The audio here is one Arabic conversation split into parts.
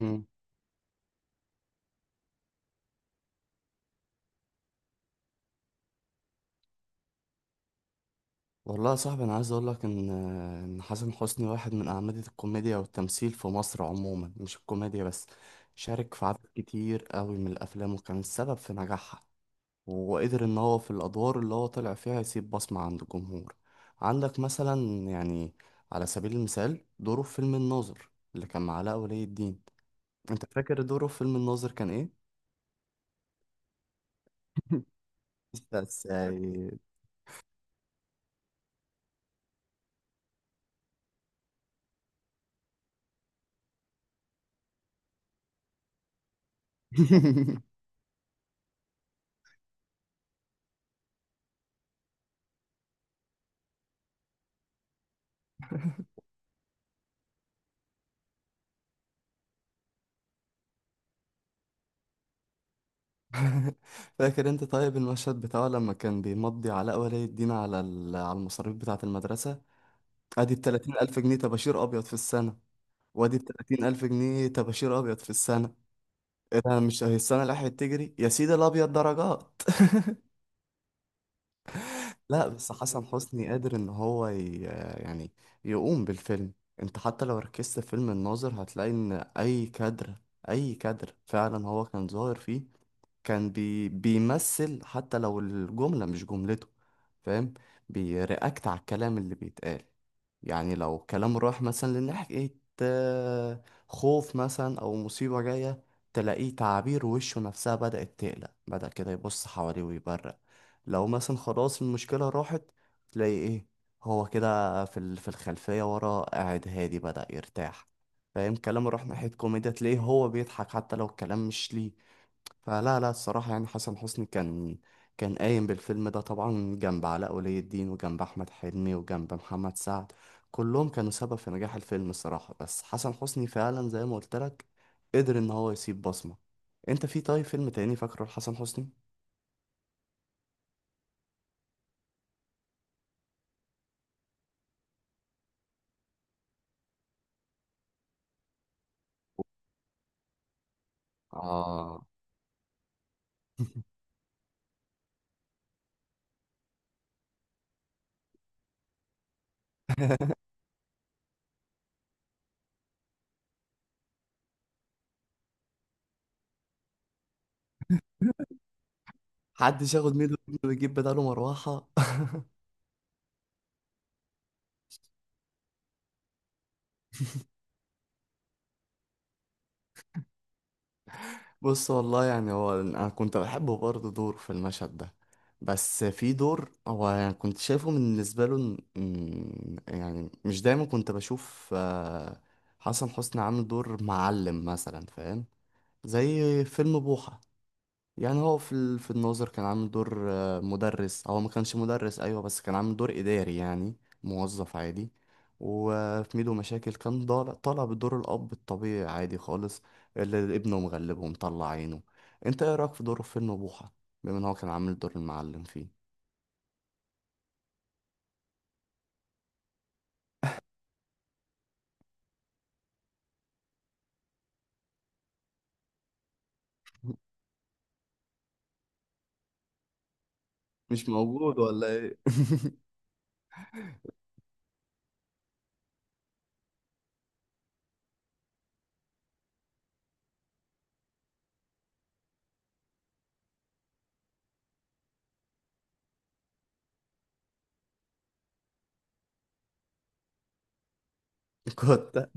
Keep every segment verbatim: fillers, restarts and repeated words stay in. مم. والله يا صاحبي، انا عايز اقول لك ان ان حسن حسني واحد من اعمدة الكوميديا والتمثيل في مصر عموما، مش الكوميديا بس. شارك في عدد كتير قوي من الافلام، وكان السبب في نجاحها، وقدر ان هو في الادوار اللي هو طلع فيها يسيب بصمة عند الجمهور. عندك مثلا، يعني، على سبيل المثال دوره في فيلم الناظر اللي كان مع علاء ولي الدين. انت فاكر دوره في فيلم الناظر كان ايه؟ استاذ سيد. فاكر انت طيب المشهد بتاعه لما كان بيمضي علاء ولي الدين على ال- على المصاريف بتاعة المدرسة؟ ادي بتلاتين ألف جنيه طباشير أبيض في السنة، وادي بتلاتين ألف جنيه طباشير أبيض في السنة. ايه ده؟ مش هي السنة اللي راحت تجري يا سيدي الأبيض درجات؟ لا، بس حسن حسني قادر ان هو ي... يعني يقوم بالفيلم. انت حتى لو ركزت في فيلم الناظر هتلاقي ان اي كادر اي كادر فعلا هو كان ظاهر فيه. كان بي بيمثل حتى لو الجملة مش جملته، فاهم؟ بيرياكت على الكلام اللي بيتقال. يعني لو كلام راح مثلا لناحية آه، خوف مثلا أو مصيبة جاية، تلاقيه تعابير وشه نفسها بدأت تقلق، بدأ كده يبص حواليه ويبرق. لو مثلا خلاص المشكلة راحت، تلاقي ايه، هو كده في ال- في الخلفية ورا قاعد هادي بدأ يرتاح، فاهم؟ كلام راح ناحية كوميديا تلاقيه هو بيضحك حتى لو الكلام مش ليه. فلا لا، الصراحة يعني حسن حسني كان كان قايم بالفيلم ده طبعا، جنب علاء ولي الدين وجنب أحمد حلمي وجنب محمد سعد. كلهم كانوا سبب في نجاح الفيلم الصراحة، بس حسن حسني فعلا زي ما قلت لك قدر إن هو يسيب بصمة. أنت في طيب فيلم تاني فاكره لحسن حسني؟ اه. محدش ياخد ميدو ويجيب بداله مروحة. بص، والله يعني هو انا كنت بحبه برضه دور في المشهد ده، بس في دور هو يعني كنت شايفه من بالنسبه له إن- إن- يعني مش دايما كنت بشوف، آه، حسن حسني عامل دور معلم مثلا، فاهم؟ زي فيلم بوحة. يعني هو في ال- في الناظر كان عامل دور آه، مدرس. هو ما كانش مدرس، ايوه، بس كان عامل دور اداري يعني، موظف عادي. وفي ميدو مشاكل كان ضال- طالع بدور الاب الطبيعي عادي خالص، اللي ابنه مغلبه ومطلع عينه. انت ايه رايك في دوره في فيلم بوحه، بما ان هو كان عامل دور المعلم فيه؟ مش موجود ولا ايه؟ كنت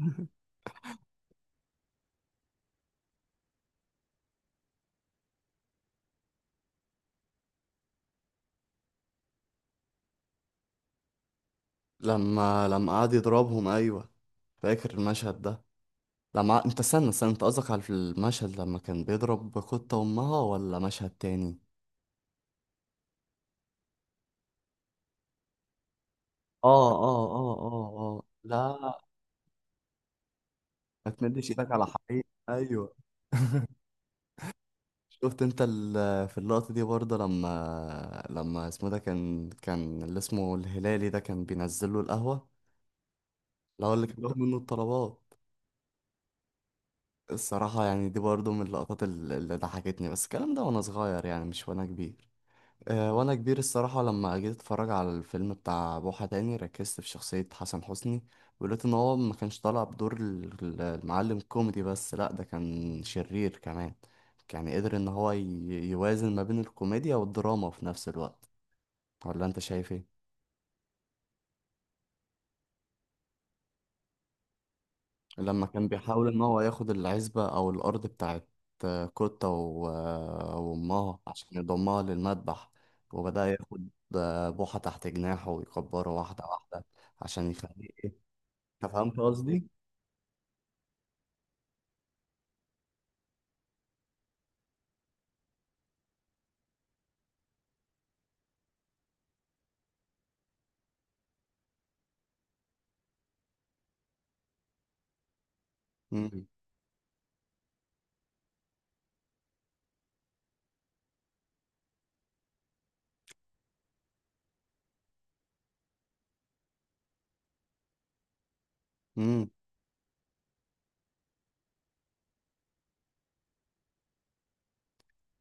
لما لما قعد يضربهم، ايوه، فاكر المشهد ده. لما انت، استنى استنى، انت قصدك على المشهد لما كان بيضرب قطة امها ولا مشهد تاني؟ اه اه اه اه اه، لا، ما تمدش ايدك على حقيقة، ايوه. شفت انت ال- في اللقطة دي برضه لما لما اسمه ده، كان كان اللي اسمه الهلالي ده كان بينزل له القهوة، اللي هو اللي كان بياخد منه الطلبات. الصراحة يعني دي برضه من اللقطات ال- اللي ضحكتني، بس الكلام ده وانا صغير يعني، مش وانا كبير. آه، وانا كبير الصراحة، لما جيت اتفرج على الفيلم بتاع بوحة تاني، ركزت في شخصية حسن حسني، ولقيت ان هو ما كانش طالع بدور ال- ال- المعلم كوميدي بس، لا، ده كان شرير كمان. يعني قدر ان هو ي- يوازن ما بين الكوميديا والدراما في نفس الوقت. ولا انت شايف ايه؟ لما كان بيحاول ان هو ياخد العزبة او الارض بتاعت آه، كوتا و- آه، وامها عشان يضمها للمذبح، وبدأ ياخد آه، بوحة تحت جناحه ويكبره واحدة واحدة عشان يخليه، فهمت قصدي؟ امم. امم.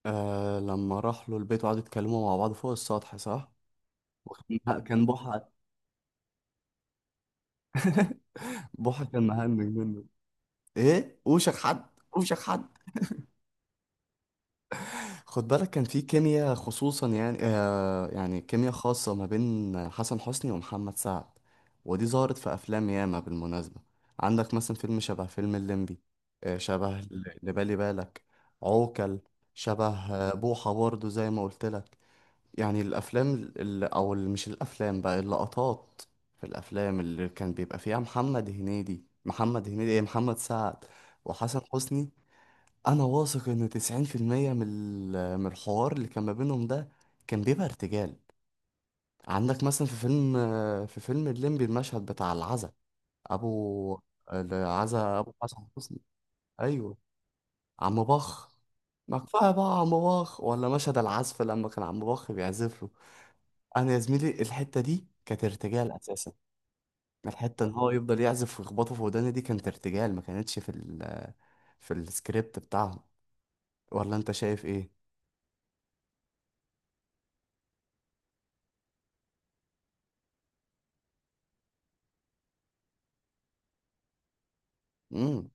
آه، لما راح له البيت وقعدوا يتكلموا مع بعض فوق السطح، صح. لا، كان بوحة. بوحة كان مهنج منه. ايه وشك حد؟ وشك حد. خد بالك، كان في كيمياء خصوصا، يعني، آه يعني كيمياء خاصة ما بين حسن حسني ومحمد سعد، ودي ظهرت في افلام ياما بالمناسبة. عندك مثلا فيلم شبه فيلم الليمبي، آه، شبه ل- اللي بالي بالك، عوكل. شبه آه، بوحة برضه زي ما قلت لك. يعني الافلام اللي او ال- مش الافلام بقى، اللقطات في الافلام اللي كان بيبقى فيها محمد هنيدي محمد هنيدي ايه محمد سعد وحسن حسني. انا واثق ان تسعين في المية من ال- من الحوار اللي كان ما بينهم ده كان بيبقى ارتجال. عندك مثلا في فيلم في فيلم الليمبي، المشهد بتاع العزا ابو العزا ابو حسن حسني، ايوه، عم بخ. ما كفايه بقى عم بخ، ولا مشهد العزف لما كان عم بخ بيعزف. انا يا زميلي الحته دي كانت ارتجال اساسا. الحته ان هو يفضل يعزف ويخبطه في وداني دي كانت ارتجال، ما كانتش في ال في السكريبت بتاعهم. ولا انت شايف ايه؟ امم.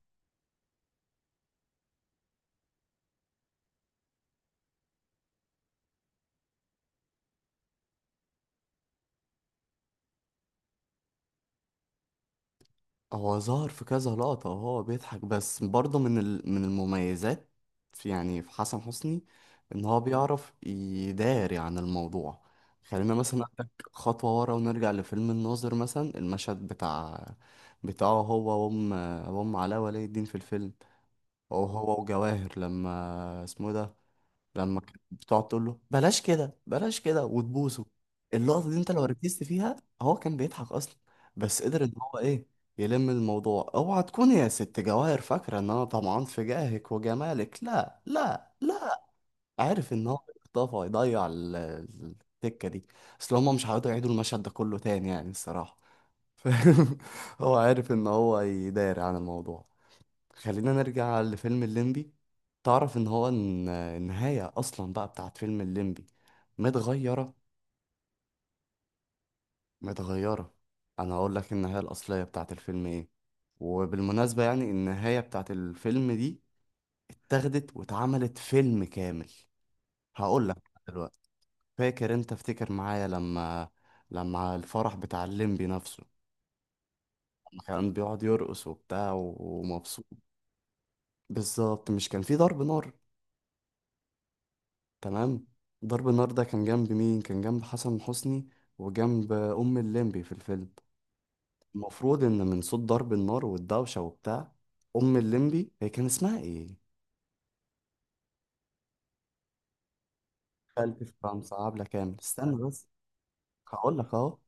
هو ظهر في كذا لقطه وهو بيضحك، بس برضه من ال من المميزات في، يعني، في حسن حسني ان هو بيعرف يداري عن الموضوع. خلينا مثلا اخدك خطوه ورا ونرجع لفيلم الناظر مثلا، المشهد بتاع بتاعه هو وام وام علاء ولي الدين في الفيلم. هو هو وجواهر، لما اسمه إيه ده، لما كانت بتقعد تقول له بلاش كده بلاش كده وتبوسه، اللقطة دي انت لو ركزت فيها، هو كان بيضحك اصلا، بس قدر ان هو ايه، يلم الموضوع. اوعى تكون يا ست جواهر فاكرة ان انا طمعان في جاهك وجمالك، لا لا لا. عارف ان هو اختفى يضيع ال- ال- التكة دي، اصل هما مش هيقعدوا يعيدوا المشهد ده كله تاني يعني الصراحة. فاهم؟ هو عارف ان هو يداري عن الموضوع. خلينا نرجع لفيلم الليمبي. تعرف ان هو الن- النهاية اصلا بقى بتاعت فيلم الليمبي متغيرة، متغيرة. انا هقول لك النهاية الاصلية بتاعت الفيلم ايه، وبالمناسبة يعني النهاية بتاعت الفيلم دي اتاخدت واتعملت فيلم كامل. هقول لك دلوقتي. فاكر انت، افتكر معايا، لما لما الفرح بتاع الليمبي نفسه، لما كان بيقعد يرقص وبتاع ومبسوط، بالظبط، مش كان في ضرب نار؟ تمام. ضرب النار ده كان جنب مين؟ كان جنب حسن حسني وجنب ام الليمبي في الفيلم. المفروض ان من صوت ضرب النار والدوشه وبتاع، ام الليمبي، هي كان اسمها ايه، خالتي في فرنسا، عبلة كامل، استنى بس، هقول لك اهو،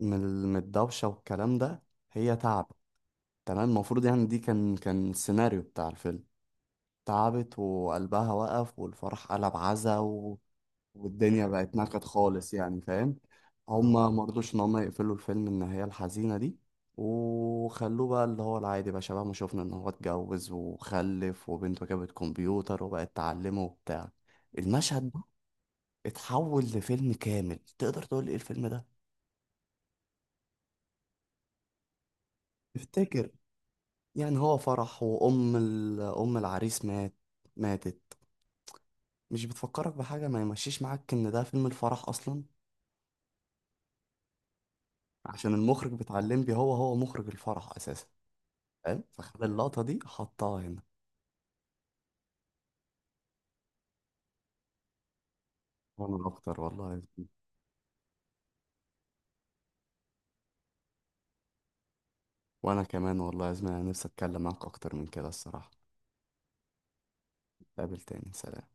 من ال- من الدوشه والكلام ده، هي تعبت. تمام. المفروض، يعني، دي كان كان السيناريو بتاع الفيلم، تعبت وقلبها وقف والفرح قلب عزا، والدنيا بقت نكد خالص، يعني، فاهم؟ هما مرضوش ان هما يقفلوا الفيلم النهاية الحزينة دي، وخلوه بقى اللي هو العادي، بقى شبه ما شفنا، ان هو اتجوز وخلف وبنته جابت كمبيوتر وبقت تعلمه وبتاع. المشهد ده اتحول لفيلم كامل. تقدر تقول ايه الفيلم ده؟ تفتكر؟ يعني هو فرح وام ال- ام العريس مات، ماتت. مش بتفكرك بحاجة؟ ما يمشيش معاك ان ده فيلم الفرح اصلا؟ عشان المخرج بتاع الليمبي هو هو مخرج الفرح اساسا، فاهم؟ فخد اللقطة دي حطها هنا. وانا اكتر والله يا زميلي. وانا كمان والله يا زميلي، انا نفسي اتكلم معاك اكتر من كده الصراحة. نتقابل تاني، سلام.